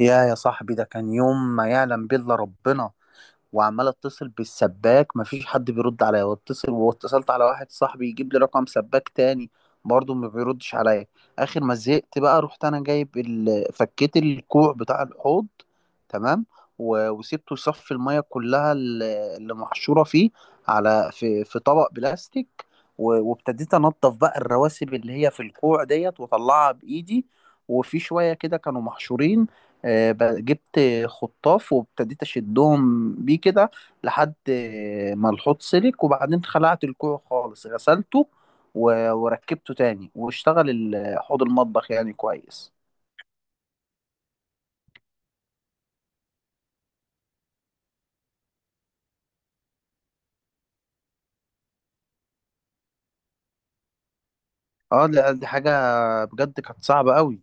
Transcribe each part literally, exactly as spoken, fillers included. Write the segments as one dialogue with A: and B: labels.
A: يا يا صاحبي، ده كان يوم ما يعلم به الا ربنا. وعمال اتصل بالسباك، مفيش حد بيرد عليا، واتصل واتصلت على واحد صاحبي يجيب لي رقم سباك تاني. برضه ما بيردش عليا. اخر ما زهقت بقى رحت انا جايب ال... فكيت الكوع بتاع الحوض. تمام. و... وسبته يصفي الميه كلها ال- اللي محشوره فيه، على في, في طبق بلاستيك. و... وابتديت انضف بقى الرواسب اللي هي في الكوع ديت، واطلعها بايدي، وفي شويه كده كانوا محشورين. آه، ب- جبت خطاف وابتديت اشدهم بيه كده، لحد ما الحوض سلك. وبعدين خلعت الكوع خالص، غسلته، و- وركبته تاني، واشتغل ال- حوض المطبخ يعني كويس. اه لا، دي حاجة بجد كانت صعبة قوي.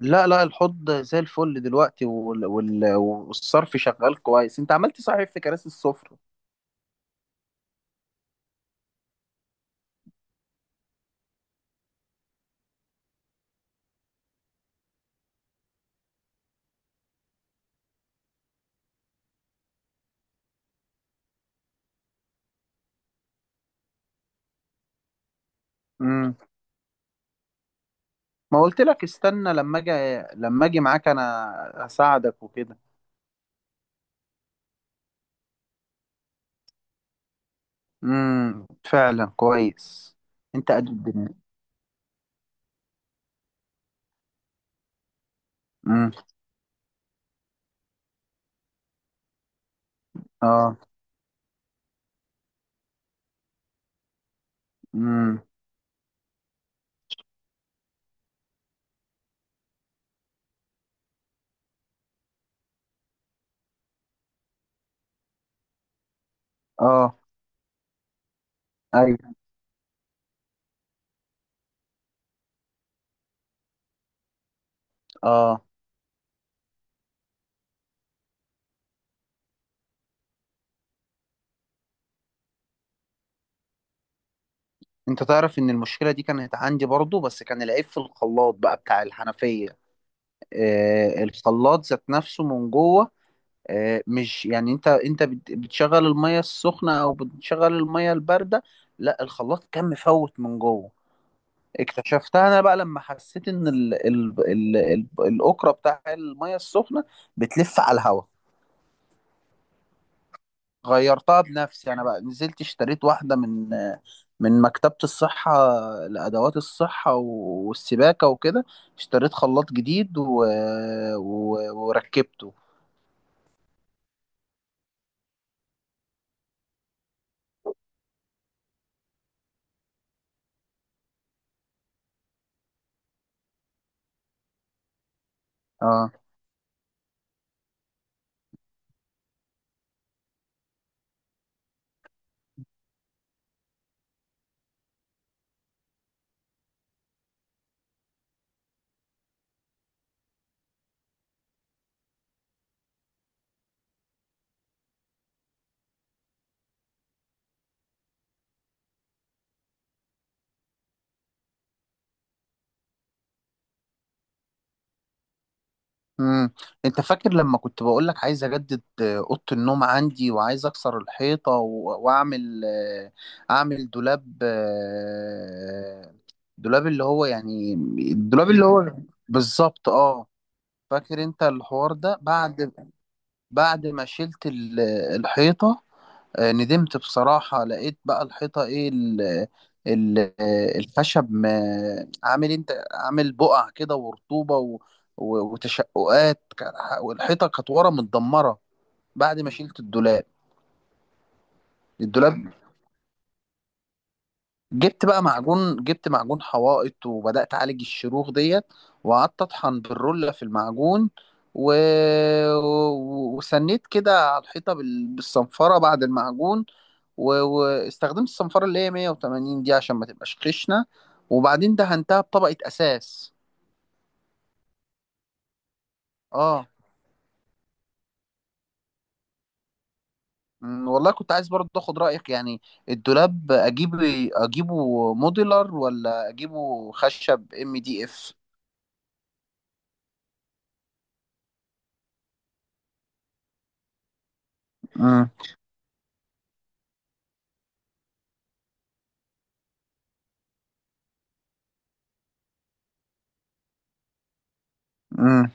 A: لا لا، الحوض زي الفل دلوقتي، وال... وال... والصرف شغال كويس. انت عملت صحيح في كراسي السفرة. امم. ما قلت لك استنى لما اجي، لما اجي معاك انا، هساعدك وكده. امم، فعلا كويس. انت قد الدنيا. امم. اه. امم. اه. ايوه. اه. انت تعرف ان المشكله دي كانت عندي برضو، بس كان العيب في الخلاط بقى بتاع الحنفيه. آه، الخلاط ذات نفسه من جوه. آه، مش يعني انت انت بت- بتشغل الميه السخنه او بتشغل الميه البارده. لا، الخلاط كان مفوت من جوه. اكتشفتها انا بقى لما حسيت ان ال ال ال ال الاكره بتاع الميه السخنه بتلف على الهواء. غيرتها بنفسي انا بقى، نزلت اشتريت واحده من من مكتبة الصحة، لأدوات الصحة و- والسباكة وكده. اشتريت خلاط جديد و... و... وركبته. اه. امم. انت فاكر لما كنت بقول لك عايز اجدد، آه، اوضه النوم عندي، وعايز اكسر الحيطه و... واعمل، آه، اعمل دولاب، آه، دولاب اللي هو يعني الدولاب اللي هو، بالظبط اه. فاكر انت الحوار ده؟ بعد بعد ما شلت ال- الحيطة، آه، ندمت بصراحة. لقيت بقى الحيطة ايه، ال ال آه، الخشب ما- عامل، انت عامل بقع كده، ورطوبة و- و- وتشققات ك- والحيطة كانت ورا متدمرة، بعد ما شلت الدولاب. الدولاب، جبت بقى معجون، جبت معجون حوائط، وبدأت أعالج الشروخ ديت. وقعدت أطحن بالرولة في المعجون، و... و- وسنيت كده على الحيطة بال... بالصنفرة بعد المعجون. و... واستخدمت الصنفرة اللي هي مية وتمانين دي، عشان ما تبقاش خشنة. وبعدين دهنتها بطبقة أساس. اه. أمم، والله كنت عايز برضه اخد رأيك يعني. الدولاب، اجيب اجيبه موديلر ولا اجيبه خشب ام دي اف؟ امم. امم.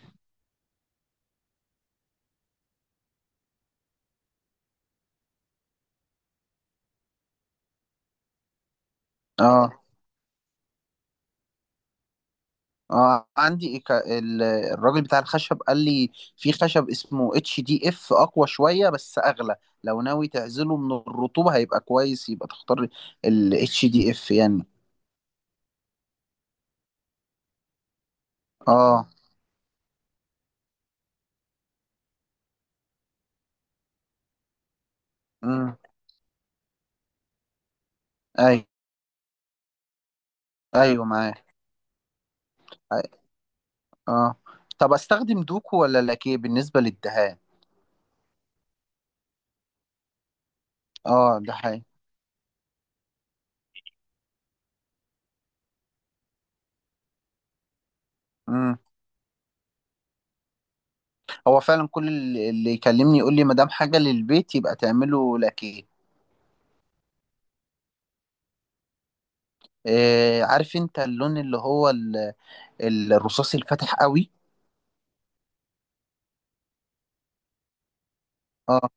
A: اه. اه عندي، إيكا- ال- الراجل بتاع الخشب قال لي في خشب اسمه اتش دي اف، اقوى شويه بس اغلى، لو ناوي تعزله من الرطوبه هيبقى كويس، يبقى تختار ال اتش دي اف يعني. اه. امم. ايوه. ايوه معاه. اه. طب استخدم دوكو ولا لاكيه بالنسبه للدهان؟ اه ده حقيقي. امم. هو فعلا كل اللي اللي يكلمني يقول لي ما دام حاجه للبيت يبقى تعمله لاكيه. آه عارف انت اللون اللي هو ال- الرصاصي الفاتح قوي. آه.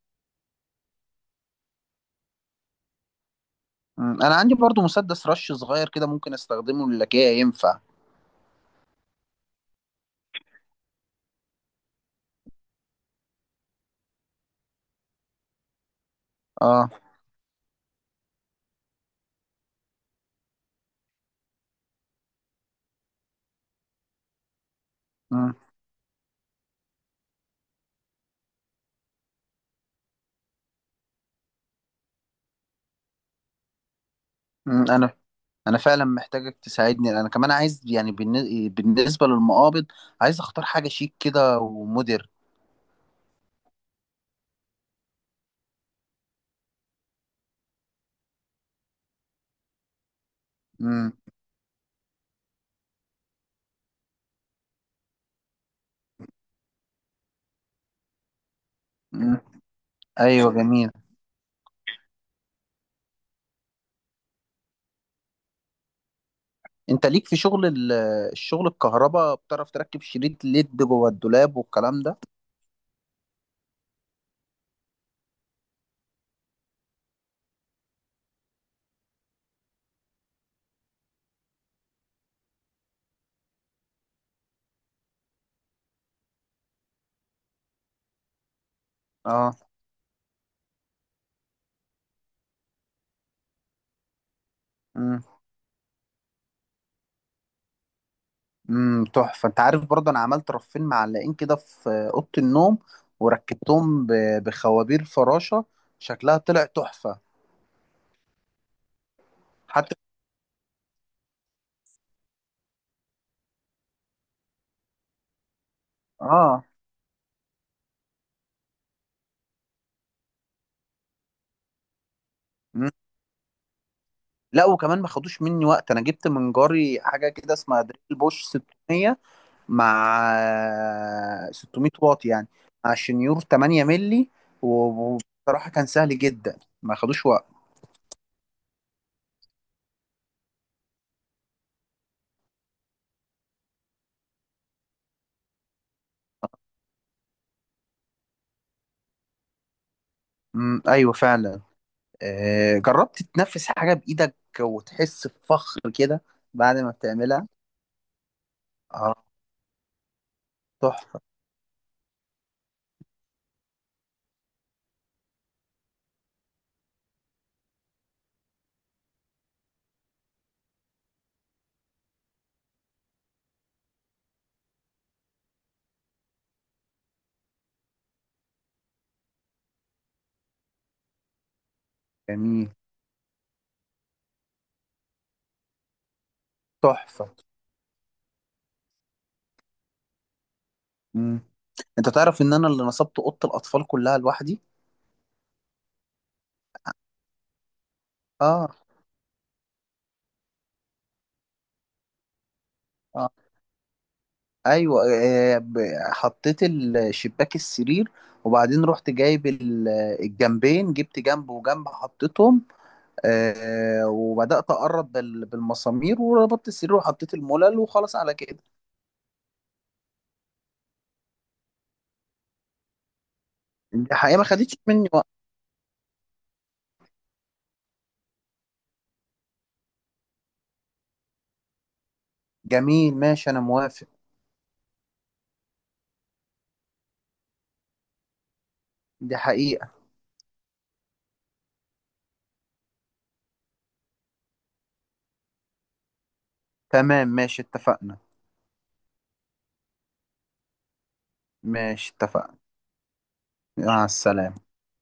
A: مم. انا عندي برضو مسدس رش صغير كده، ممكن استخدمه للكاية، ينفع؟ اه. مم. مم. انا انا فعلا محتاجك تساعدني. انا كمان عايز يعني بالن- بالنسبة للمقابض، عايز اختار حاجة شيك كده ومودر. مم. مم. ايوه جميل. انت ليك في شغل ال- الشغل الكهرباء؟ بتعرف تركب شريط ليد جوه الدولاب والكلام ده؟ اه. مم. امم تحفه. انت عارف برضه انا عملت رفين معلقين كده في اوضه النوم، وركبتهم ب- بخوابير فراشه، شكلها طلع تحفه. حتى اه. مم. لا، وكمان ما خدوش مني وقت. انا جبت من جاري حاجه كده اسمها دريل بوش ست مية، مع ست مية واط يعني، مع شنيور تمنية ملي. و- وبصراحه كان سهل جدا، ما خدوش وقت. امم ايوه فعلا. آه جربت تنفس حاجه بايدك وتحس بفخر كده بعد ما بتعملها. اه. تحفة. جميل. تحفة. مم. انت تعرف ان انا اللي نصبت اوضه الاطفال كلها لوحدي. اه. اه. ايوه. آه، ب- حطيت الشباك السرير، وبعدين رحت جايب ال- الجنبين، جبت جنب وجنب حطيتهم، آه، وبدات اقرب بال- بالمسامير، وربطت السرير، وحطيت الملل، وخلاص على كده. دي حقيقه ما خدتش مني وقت. جميل، ماشي، انا موافق. دي حقيقه. تمام ماشي اتفقنا. ماشي اتفقنا. مع السلامه.